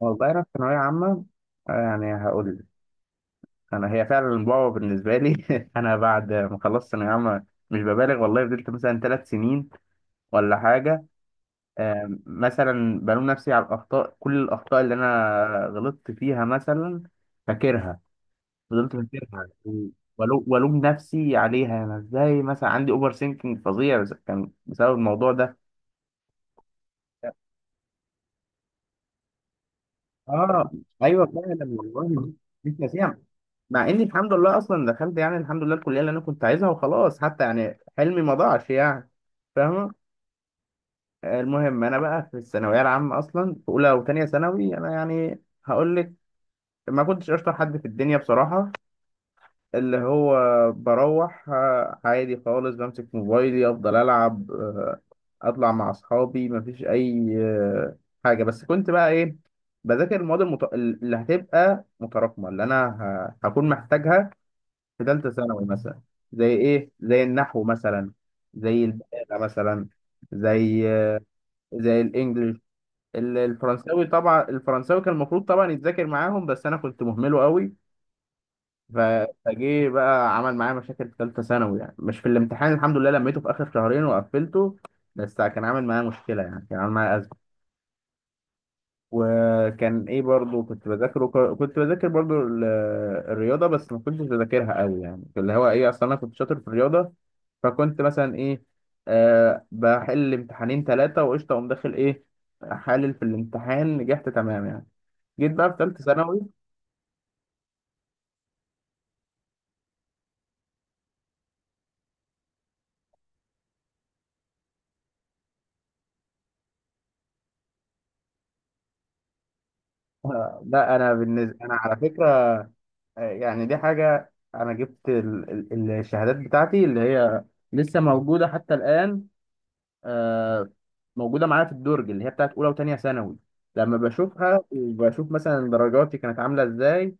والله أنا في ثانوية عامة، يعني هقول لك. أنا هي فعلا بابا بالنسبة لي. أنا بعد ما خلصت ثانوية عامة مش ببالغ والله فضلت مثلا 3 سنين ولا حاجة. مثلا بلوم نفسي على الأخطاء، كل الأخطاء اللي أنا غلطت فيها مثلا فاكرها، فضلت فاكرها وألوم نفسي عليها. أنا إزاي مثلا عندي أوفر سينكينج فظيع، كان بسبب الموضوع ده. اه، ايوه فعلا والله، مش ناسيها. مع اني الحمد لله اصلا دخلت يعني الحمد لله الكليه اللي انا كنت عايزها، وخلاص حتى يعني حلمي ما ضاعش يعني. فاهمه؟ المهم انا بقى في الثانويه العامه اصلا في اولى وثانيه ثانوي انا يعني هقول لك ما كنتش اشطر حد في الدنيا بصراحه. اللي هو بروح عادي خالص بمسك موبايلي افضل العب، اطلع مع اصحابي، مفيش اي حاجه. بس كنت بقى ايه، بذاكر المواد اللي هتبقى متراكمه اللي انا هكون محتاجها في ثالثه ثانوي مثلا. زي ايه؟ زي النحو مثلا، زي البلاغه مثلا، زي زي الانجليش، الفرنساوي. طبعا الفرنساوي كان المفروض طبعا يتذاكر معاهم بس انا كنت مهمله قوي. ف- فجه بقى عمل معايا مشاكل في ثالثه ثانوي، يعني مش في الامتحان الحمد لله لميته في اخر شهرين وقفلته، بس كان عامل معايا مشكله يعني كان عامل معايا ازمه. وكان ايه برضو، كنت بذاكر كنت بذاكر برضو الرياضه، بس ما كنتش بذاكرها قوي يعني، اللي هو ايه، اصلا انا كنت شاطر في الرياضه. فكنت مثلا ايه، بحل امتحانين ثلاثه وقشطه اقوم داخل ايه، حالل في الامتحان، نجحت تمام يعني. جيت بقى في ثالثه ثانوي. لا انا بالنسبه انا على فكره يعني دي حاجة، أنا جبت الشهادات بتاعتي اللي هي لسه موجودة حتى الآن. آه، موجودة معايا في الدرج، اللي هي بتاعت أولى وتانية ثانوي. لما بشوفها وبشوف مثلا درجاتي كانت عاملة إزاي،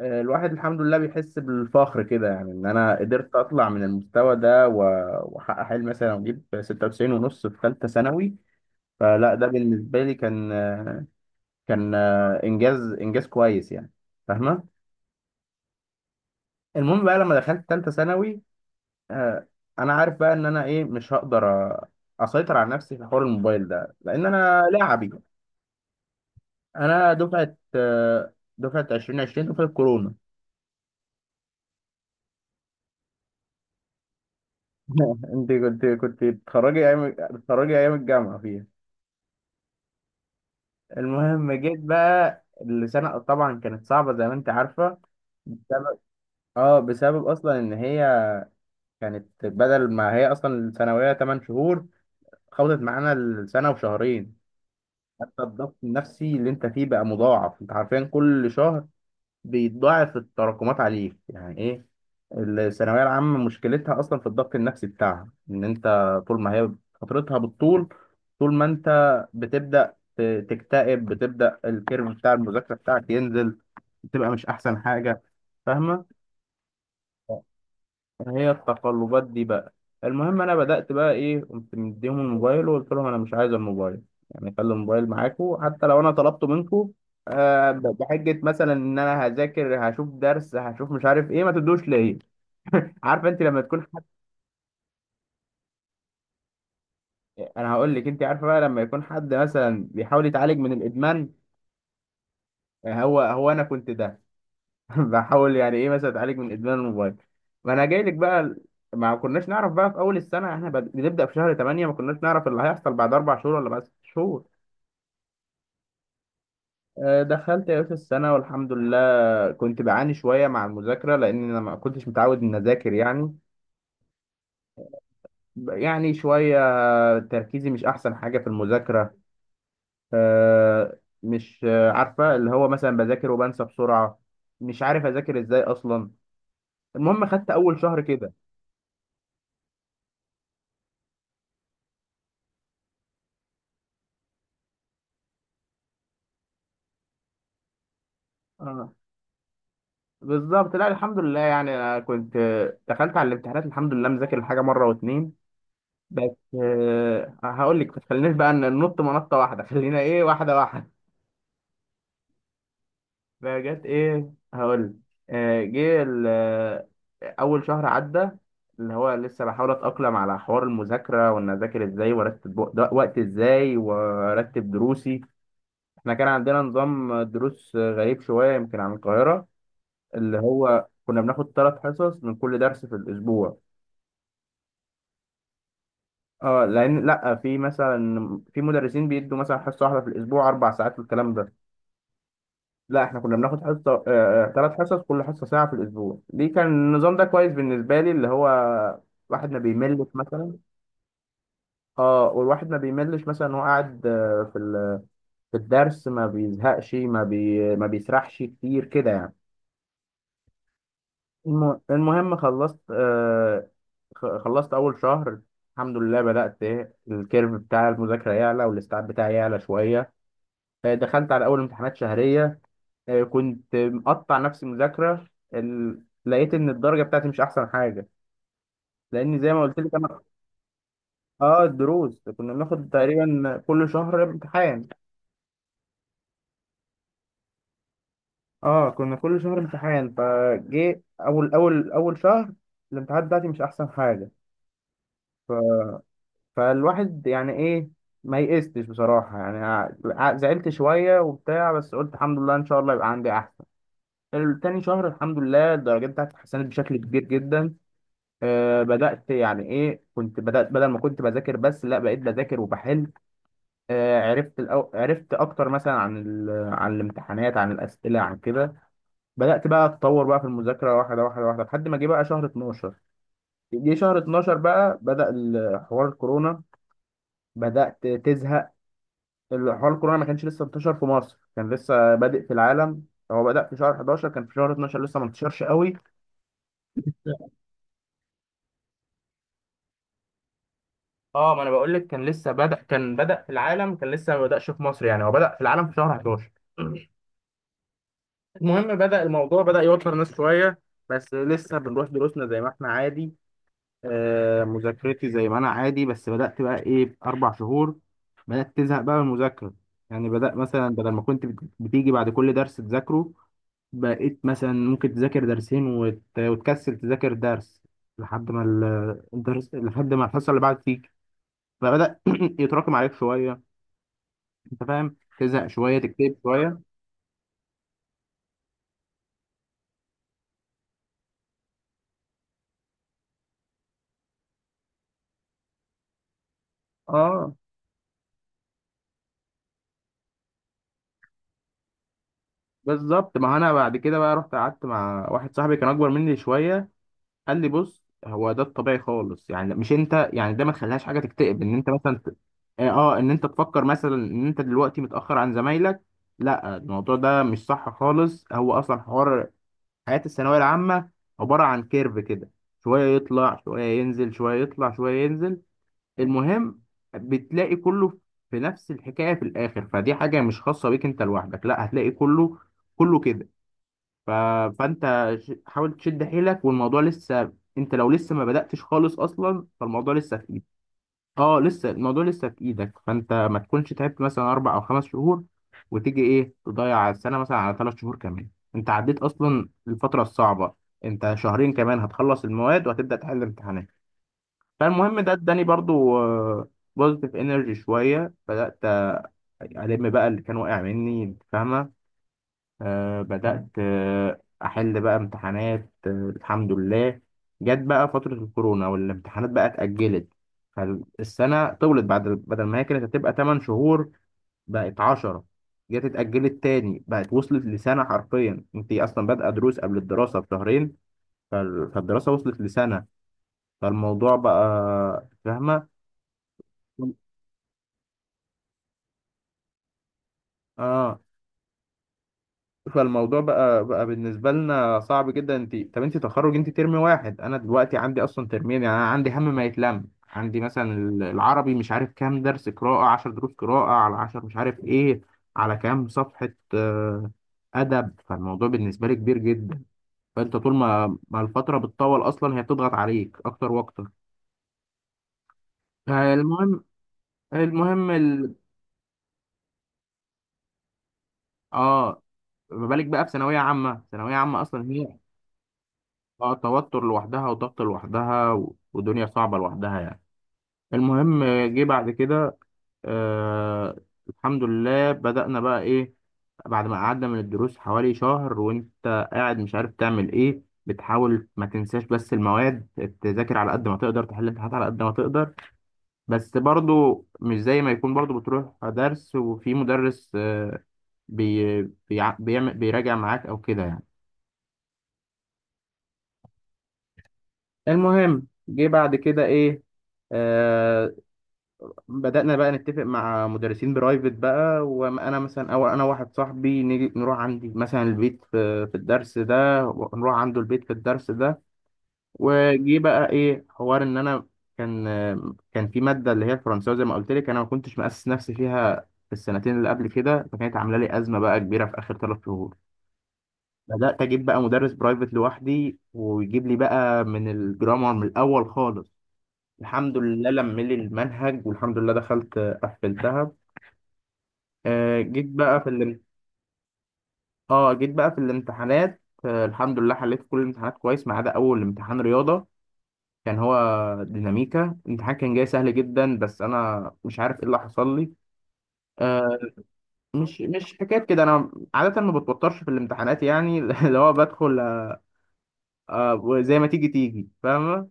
الواحد الحمد لله بيحس بالفخر كده، يعني إن أنا قدرت أطلع من المستوى ده وأحقق حلمي مثلا وأجيب 96 ونص في ثالثة ثانوي. فلا ده بالنسبة لي كان إنجاز، إنجاز كويس يعني. فاهمة؟ المهم بقى لما دخلت ثالثة ثانوي، آه، انا عارف بقى ان انا ايه، مش هقدر اسيطر على نفسي في حوار الموبايل ده لان انا لاعبي. انا دفعه دفعه 2020، دفعه كورونا. انت كنت بتتخرجي ايام الجامعه فيها. المهم جيت بقى السنه طبعا كانت صعبه زي ما انت عارفه، بسبب اه بسبب اصلا ان هي كانت بدل ما هي اصلا الثانويه 8 شهور، خبطت معانا السنه وشهرين. حتى الضغط النفسي اللي انت فيه بقى مضاعف، انت عارفين كل شهر بيتضاعف التراكمات عليك يعني ايه. الثانويه العامه مشكلتها اصلا في الضغط النفسي بتاعها، ان انت طول ما هي فترتها بالطول طول ما انت بتبدا تكتئب بتبدا الكيرف بتاع المذاكره بتاعك ينزل، بتبقى مش احسن حاجه. فاهمه؟ هي التقلبات دي بقى. المهم انا بدأت بقى ايه، قمت مديهم الموبايل وقلت لهم انا مش عايز الموبايل، يعني خلي الموبايل معاكم حتى لو انا طلبته منكم بحجة مثلا ان انا هذاكر هشوف درس هشوف مش عارف ايه، ما تدوش ليا. عارفه انت لما تكون حد، انا هقول لك، انت عارفه بقى لما يكون حد مثلا بيحاول يتعالج من الادمان، هو انا كنت ده بحاول يعني ايه، مثلا اتعالج من ادمان الموبايل. ما انا جاي لك بقى ال- ما كناش نعرف بقى في اول السنه، احنا بنبدا في شهر 8، ما كناش نعرف اللي هيحصل بعد 4 شهور ولا بعد 6 شهور. دخلت يا باشا السنه والحمد لله كنت بعاني شويه مع المذاكره لان انا ما كنتش متعود ان اذاكر يعني، يعني شويه تركيزي مش احسن حاجه في المذاكره. مش عارفه اللي هو مثلا بذاكر وبنسى بسرعه، مش عارف اذاكر ازاي اصلا. المهم خدت اول شهر كده. آه. بالظبط لا الحمد لله يعني أنا كنت دخلت على الامتحانات الحمد لله مذاكر الحاجه مره واتنين بس. هقول لك ما تخلينيش بقى ننط منطه واحده، خلينا ايه واحده واحده. فجت ايه، هقول لك. آه، جه ال- آه، اول شهر عدى، اللي هو لسه بحاول اتاقلم على حوار المذاكره وان اذاكر ازاي وارتب وقت ازاي وارتب دروسي. احنا كان عندنا نظام دروس غريب شويه يمكن عن القاهره، اللي هو كنا بناخد 3 حصص من كل درس في الاسبوع. اه، لان لا في مثلا في مدرسين بيدوا مثلا حصه واحده في الاسبوع 4 ساعات والكلام ده. لا احنا كنا بناخد حصه، 3 حصص كل حصه ساعه في الاسبوع. دي كان النظام ده كويس بالنسبه لي، اللي هو واحد ما بيملش مثلا. اه والواحد ما بيملش مثلا، هو قاعد في في الدرس ما بيزهقش، ما بيسرحش كتير كده يعني. المهم خلصت، خلصت اول شهر الحمد لله، بدأت إيه، الكيرف بتاع المذاكرة يعلى والاستيعاب بتاعي يعلى شوية. دخلت على اول امتحانات شهريه، كنت مقطع نفسي مذاكره. لقيت ان الدرجه بتاعتي مش احسن حاجه، لان زي ما قلت لك انا. اه، الدروس كنا بناخد تقريبا كل شهر امتحان. اه، كنا كل شهر امتحان، فجه اول شهر الامتحانات بتاعتي مش احسن حاجه. ف... فالواحد يعني ايه، ما يئستش بصراحه يعني، زعلت شويه وبتاع بس قلت الحمد لله ان شاء الله يبقى عندي احسن. تاني شهر الحمد لله الدرجات بتاعتي اتحسنت بشكل كبير جدا. بدأت يعني ايه، كنت بدأت بدل ما كنت بذاكر بس لا بقيت بذاكر وبحل. عرفت عرفت اكتر مثلا عن عن الامتحانات عن الأسئلة عن كده. بدأت بقى اتطور بقى في المذاكرة واحدة واحدة واحدة لحد ما جه بقى شهر 12. جه شهر 12 بقى، بدأ حوار الكورونا، بدأت تزهق. حوار الكورونا ما كانش لسه انتشر في مصر، كان لسه بادئ في العالم. هو بدأ في شهر 11، كان في شهر 12 لسه ما انتشرش قوي. اه ما انا بقول لك كان لسه بدأ كان بدأ في العالم، كان لسه ما بدأش في مصر يعني، هو بدأ في العالم في شهر 11. المهم بدأ الموضوع بدأ يوتر ناس شوية، بس لسه بنروح دروسنا زي ما احنا عادي. مذاكرتي زي ما انا عادي، بس بدأت بقى ايه، اربع شهور، بدأت تزهق بقى من المذاكرة. يعني بدأ مثلا بدل ما كنت بتيجي بعد كل درس تذاكره، بقيت مثلا ممكن تذاكر درسين وتكسل تذاكر درس لحد ما الدرس، لحد ما الحصة اللي بعد تيجي، فبدأ يتراكم عليك شوية. انت فاهم، تزهق شويه، تكتئب شويه. اه بالظبط، ما انا بعد كده بقى رحت قعدت مع واحد صاحبي كان اكبر مني شويه، قال لي بص، هو ده الطبيعي خالص، يعني مش انت يعني ده، ما تخليهاش حاجه تكتئب ان انت مثلا ان انت تفكر مثلا ان انت دلوقتي متاخر عن زمايلك، لا الموضوع ده مش صح خالص. هو اصلا حوار حياه الثانويه العامه عباره عن كيرف كده، شويه يطلع شويه ينزل شويه يطلع شويه ينزل. المهم بتلاقي كله في نفس الحكاية في الآخر، فدي حاجة مش خاصة بيك أنت لوحدك، لا هتلاقي كله كله كده. ف... فأنت حاول تشد حيلك والموضوع لسه، أنت لو لسه ما بدأتش خالص أصلا فالموضوع لسه في إيدك. لسه الموضوع لسه في إيدك، فأنت ما تكونش تعبت مثلا 4 أو 5 شهور وتيجي إيه تضيع السنة مثلا على 3 شهور كمان. أنت عديت أصلا الفترة الصعبة، أنت شهرين كمان هتخلص المواد وهتبدأ تحل امتحانات. فالمهم ده اداني برضو بوزيتيف انرجي شويه، بدات الم بقى اللي كان واقع مني انت فاهمه. بدات احل بقى امتحانات الحمد لله. جت بقى فتره الكورونا والامتحانات بقى اتاجلت، فالسنه طولت بعد بدل ما هي كانت هتبقى 8 شهور بقت 10، جت اتاجلت تاني بقت وصلت لسنه، حرفيا انت اصلا بادئه دروس قبل الدراسه بشهرين. فالدراسه وصلت لسنه. فالموضوع بقى فاهمه. اه، فالموضوع بقى بالنسبه لنا صعب جدا. انت طب انت تخرج، انت ترم واحد، انا دلوقتي عندي اصلا ترمين يعني، انا عندي هم ما يتلم عندي مثلا. العربي مش عارف كام درس قراءه، 10 دروس قراءه على 10 مش عارف ايه، على كام صفحه، آه، ادب. فالموضوع بالنسبه لي كبير جدا، فانت طول ما ما الفتره بتطول اصلا هي بتضغط عليك اكتر واكتر. المهم المهم، اه ما بالك بقى في ثانويه عامه، ثانويه عامه اصلا هي، اه توتر لوحدها وضغط لوحدها ودنيا صعبة لوحدها يعني. المهم جه بعد كده، آه الحمد لله بدأنا بقى ايه، بعد ما قعدنا من الدروس حوالي شهر وانت قاعد مش عارف تعمل ايه، بتحاول ما تنساش بس المواد، تذاكر على قد ما تقدر، تحل الامتحانات على قد ما تقدر، بس برضو مش زي ما يكون برضو بتروح درس وفي مدرس بي بيعمل بيراجع معاك او كده يعني. المهم جه بعد كده ايه، آه، بدأنا بقى نتفق مع مدرسين برايفت بقى، وأنا مثلا أو أنا واحد صاحبي نيجي نروح عندي مثلا البيت في الدرس ده، ونروح عنده البيت في الدرس ده. وجي بقى إيه، حوار إن أنا كان كان في مادة اللي هي الفرنساوي زي ما قلت لك، أنا ما كنتش مأسس نفسي فيها في السنتين اللي قبل كده، فكانت عاملة لي أزمة بقى كبيرة في آخر 3 شهور. بدأت أجيب بقى مدرس برايفت لوحدي ويجيب لي بقى من الجرامر من الأول خالص، الحمد لله لم لي المنهج والحمد لله دخلت قفلتها. آه، جيت بقى في الام... اه جيت بقى في الامتحانات، الحمد لله حليت كل الامتحانات كويس ما عدا اول امتحان رياضه. كان هو ديناميكا، الامتحان كان جاي سهل جدا بس انا مش عارف ايه اللي حصل لي. آه، مش حكايه كده، انا عاده ما بتوترش في الامتحانات يعني اللي هو بدخل زي ما تيجي تيجي فاهمه.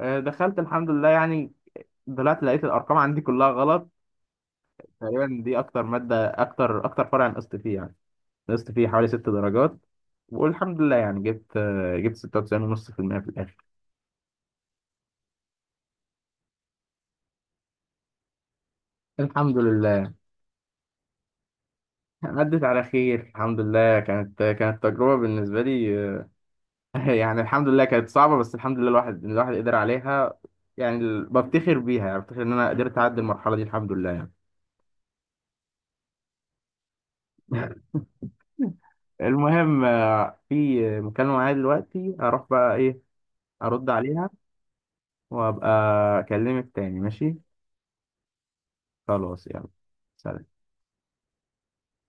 دخلت الحمد لله يعني، طلعت لقيت الارقام عندي كلها غلط. تقريبا دي اكتر ماده اكتر فرع نقصت فيه يعني، نقصت فيه حوالي 6 درجات. والحمد لله يعني، جبت جبت 96.5% في المية في الآخر الحمد لله. عدت على خير الحمد لله، كانت تجربة بالنسبة لي يعني الحمد لله كانت صعبة بس الحمد لله الواحد قدر عليها يعني. بفتخر بيها يعني بفتخر إن أنا قدرت أعدي المرحلة دي الحمد لله يعني. المهم في مكالمة معايا دلوقتي، هروح بقى إيه أرد عليها، وأبقى أكلمك تاني ماشي. خلاص يلا، سلام.